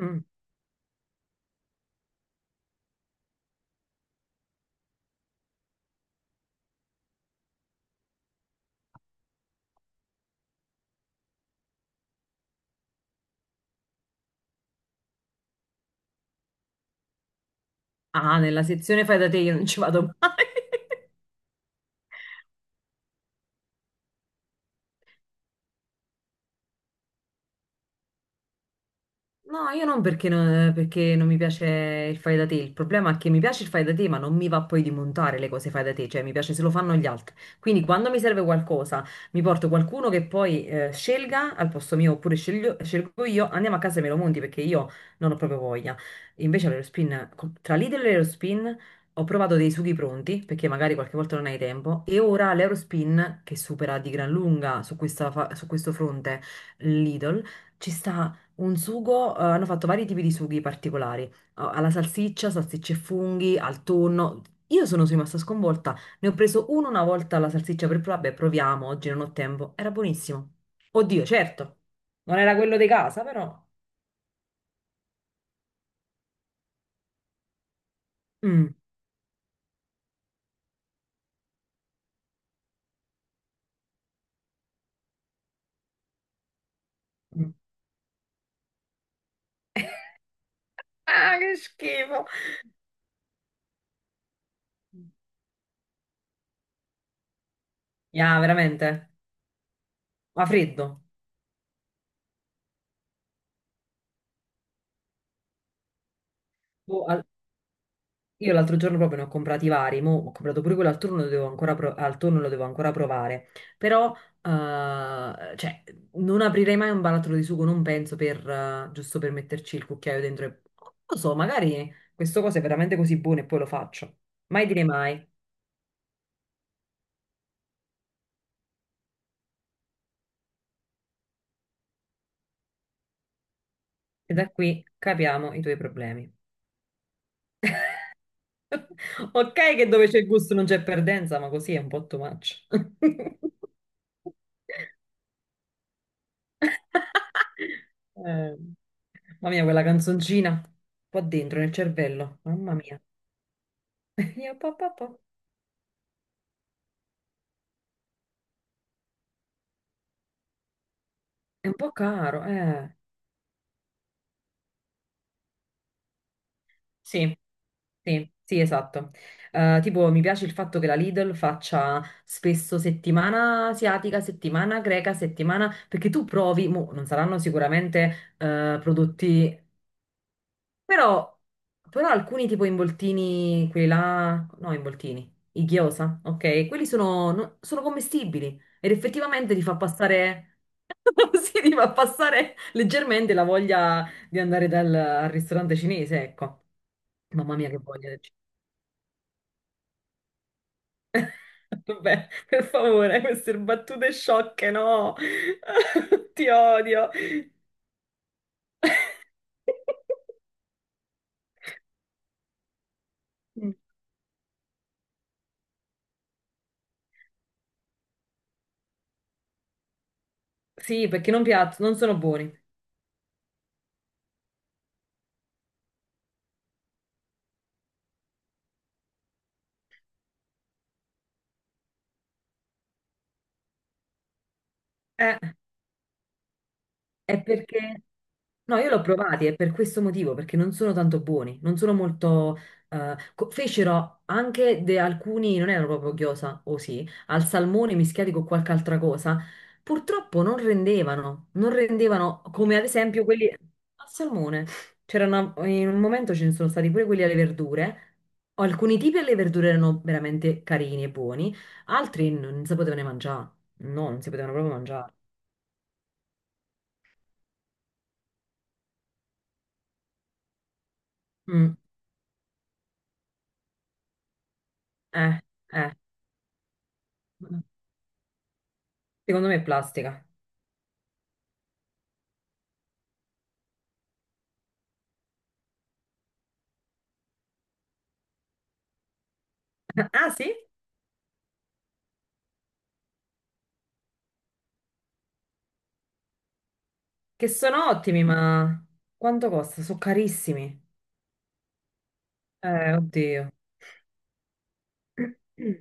Mm. Ah, nella sezione fai da te io non ci vado mai. No, io non perché non, perché non mi piace il fai da te. Il problema è che mi piace il fai da te, ma non mi va poi di montare le cose fai da te, cioè mi piace se lo fanno gli altri. Quindi quando mi serve qualcosa, mi porto qualcuno che poi scelga al posto mio, oppure scelgo io, andiamo a casa e me lo monti perché io non ho proprio voglia. Invece all'Aerospin, tra Lidl e l'Aerospin ho provato dei sughi pronti, perché magari qualche volta non hai tempo, e ora l'Aerospin, che supera di gran lunga su questa su questo fronte Lidl, ci sta un sugo, hanno fatto vari tipi di sughi particolari, alla salsiccia, salsicce e funghi, al tonno. Io sono rimasta sconvolta, ne ho preso uno una volta alla salsiccia per provare, "Beh, proviamo, oggi non ho tempo. Era buonissimo." Oddio, certo, non era quello di casa, però. Mm. Mm. Ah, che schifo! Yeah, veramente? Ma freddo. Boh, io l'altro giorno proprio ne ho comprati vari, mo ho comprato pure quello al turno, lo devo ancora al tonno lo devo ancora provare, però cioè, non aprirei mai un barattolo di sugo, non penso per, giusto per metterci il cucchiaio dentro e non lo so, magari questo cosa è veramente così buono e poi lo faccio. Mai dire mai, e da qui capiamo i tuoi problemi. Ok che dove c'è gusto non c'è perdenza, ma così è un po' too much. Eh, mamma mia, quella canzoncina qua dentro nel cervello, mamma mia. Io, po, po, po. È un po' caro, eh. Sì, sì, sì, esatto. Tipo, mi piace il fatto che la Lidl faccia spesso settimana asiatica, settimana greca, settimana... Perché tu provi, mo, non saranno sicuramente prodotti. Però, però alcuni tipo involtini, quelli là, no, involtini, i gyoza, ok? Quelli sono, sono commestibili ed effettivamente ti fa passare, sì, ti fa passare leggermente la voglia di andare al ristorante cinese, ecco. Mamma mia, che voglia del cinese. Vabbè, per favore, queste battute sciocche, no? Ti odio. Mm. Sì, perché non piacciono, non sono buoni. Eh, è perché... No, io l'ho provati e per questo motivo, perché non sono tanto buoni, non sono molto... fecero anche alcuni, non erano proprio ghiosa, o sì, al salmone mischiati con qualche altra cosa. Purtroppo non rendevano, non rendevano come ad esempio quelli al salmone. C'era in un momento ce ne sono stati pure quelli alle verdure. Alcuni tipi alle verdure erano veramente carini e buoni, altri non si potevano mangiare. No, non si potevano proprio mangiare. Mm, eh, eh. Secondo me è plastica. Ah, sì? Che sono ottimi, ma quanto costa? Sono carissimi. Oddio.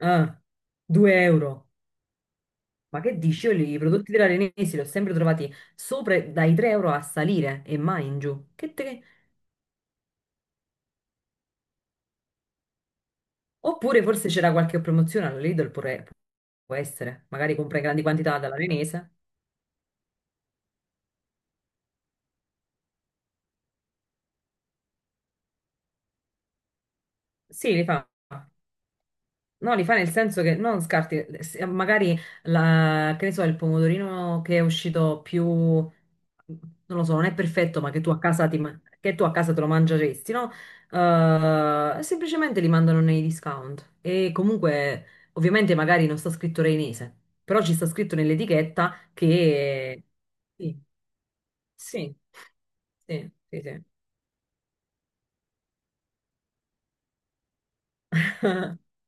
Ah, 2 euro. Ma che dici? I prodotti dell'Arenesi li ho sempre trovati sopra dai 3 euro a salire e mai in giù. Oppure forse c'era qualche promozione alla Lidl, può essere. Magari compra in grandi quantità dall'Arenese. Sì, li fa. No, li fa nel senso che non scarti, magari la, che ne so, il pomodorino che è uscito più, non lo so, non è perfetto, ma che tu a casa, che tu a casa te lo mangeresti, no? Semplicemente li mandano nei discount. E comunque, ovviamente, magari non sta scritto reinese, però ci sta scritto nell'etichetta che... Sì, sì, sì, sì, sì.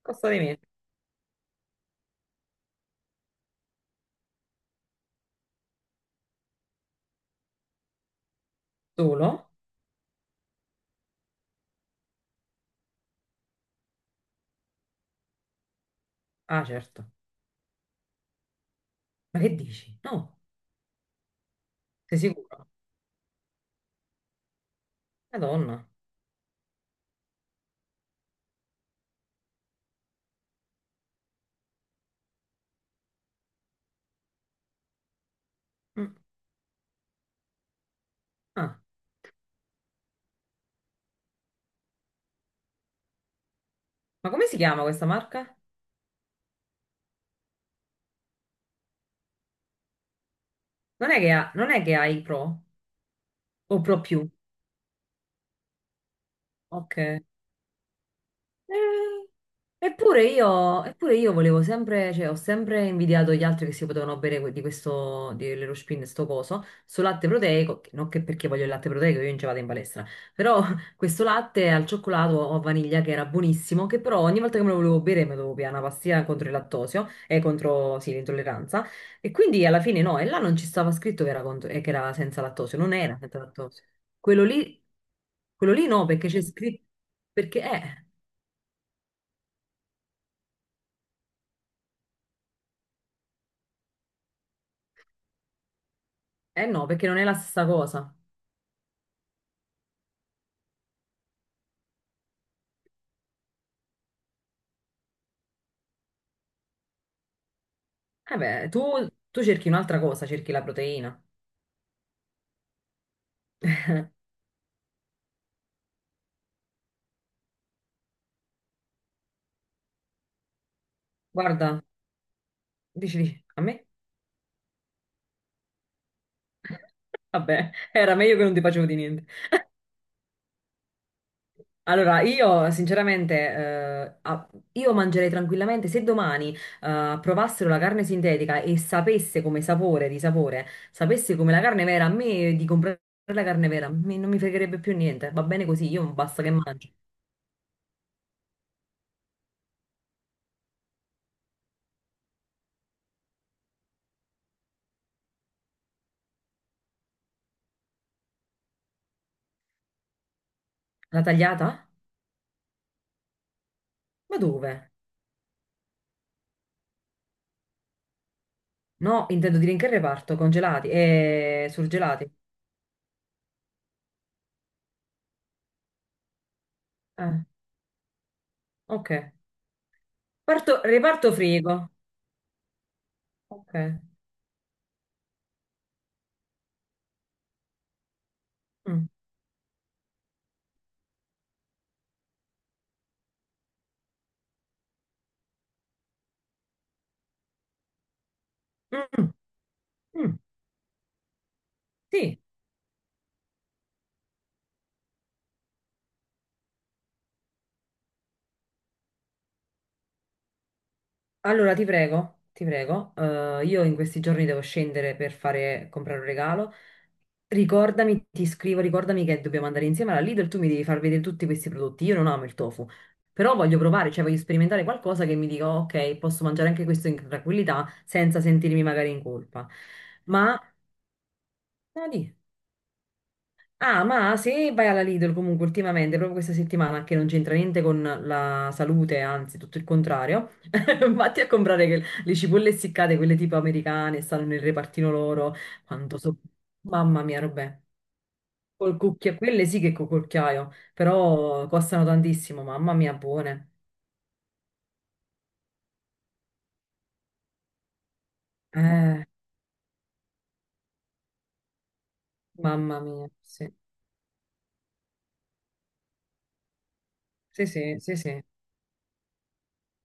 Costa di meno. Solo? Ah, certo. Ma che dici? No, sei sicuro? Madonna. Mm. Ah. Ma come si chiama questa marca? Non è che ha, non è che hai Pro o Pro più. Ok. Eh, eppure io volevo sempre, cioè ho sempre invidiato gli altri che si potevano bere di questo, di Lerospin, sto coso, sto latte proteico, non che perché voglio il latte proteico, io non ci vado in palestra, però questo latte al cioccolato o a vaniglia che era buonissimo, che però ogni volta che me lo volevo bere mi dovevo pigliare una pastiglia contro il lattosio e contro, sì, l'intolleranza, e quindi alla fine no, e là non ci stava scritto che era, che era senza lattosio, non era senza lattosio. Quello lì, quello lì no, perché c'è scritto, perché è... Eh no, perché non è la stessa cosa. Eh beh, tu cerchi un'altra cosa, cerchi la proteina. Guarda, dici, dici, a me? Vabbè, era meglio che non ti facevo di niente. Allora, io sinceramente, io mangerei tranquillamente, se domani provassero la carne sintetica e sapesse come sapore di sapore, sapesse come la carne vera, a me di comprare la carne vera, non mi fregherebbe più niente, va bene così, io basta che mangio. La tagliata? Ma dove? No, intendo dire in che reparto? Congelati e surgelati. Ah, ok. Reparto frigo. Ok. Mm. Mm, mm. Mm. Sì, allora ti prego, ti prego. Io in questi giorni devo scendere per fare, comprare un regalo. Ricordami, ti scrivo, ricordami che dobbiamo andare insieme alla Lidl, tu mi devi far vedere tutti questi prodotti. Io non amo il tofu, però voglio provare, cioè voglio sperimentare qualcosa che mi dica, ok, posso mangiare anche questo in tranquillità senza sentirmi magari in colpa. Ma, no, di. Ah, ma se vai alla Lidl comunque ultimamente, proprio questa settimana, che non c'entra niente con la salute, anzi tutto il contrario, vatti a comprare le cipolle essiccate, quelle tipo americane, stanno nel repartino loro, quanto so... Mamma mia, robè. Col cucchiaio, quelle sì che col cucchiaio, però costano tantissimo, mamma mia, buone. Eh, mamma mia, sì. Sì, sì, sì, sì.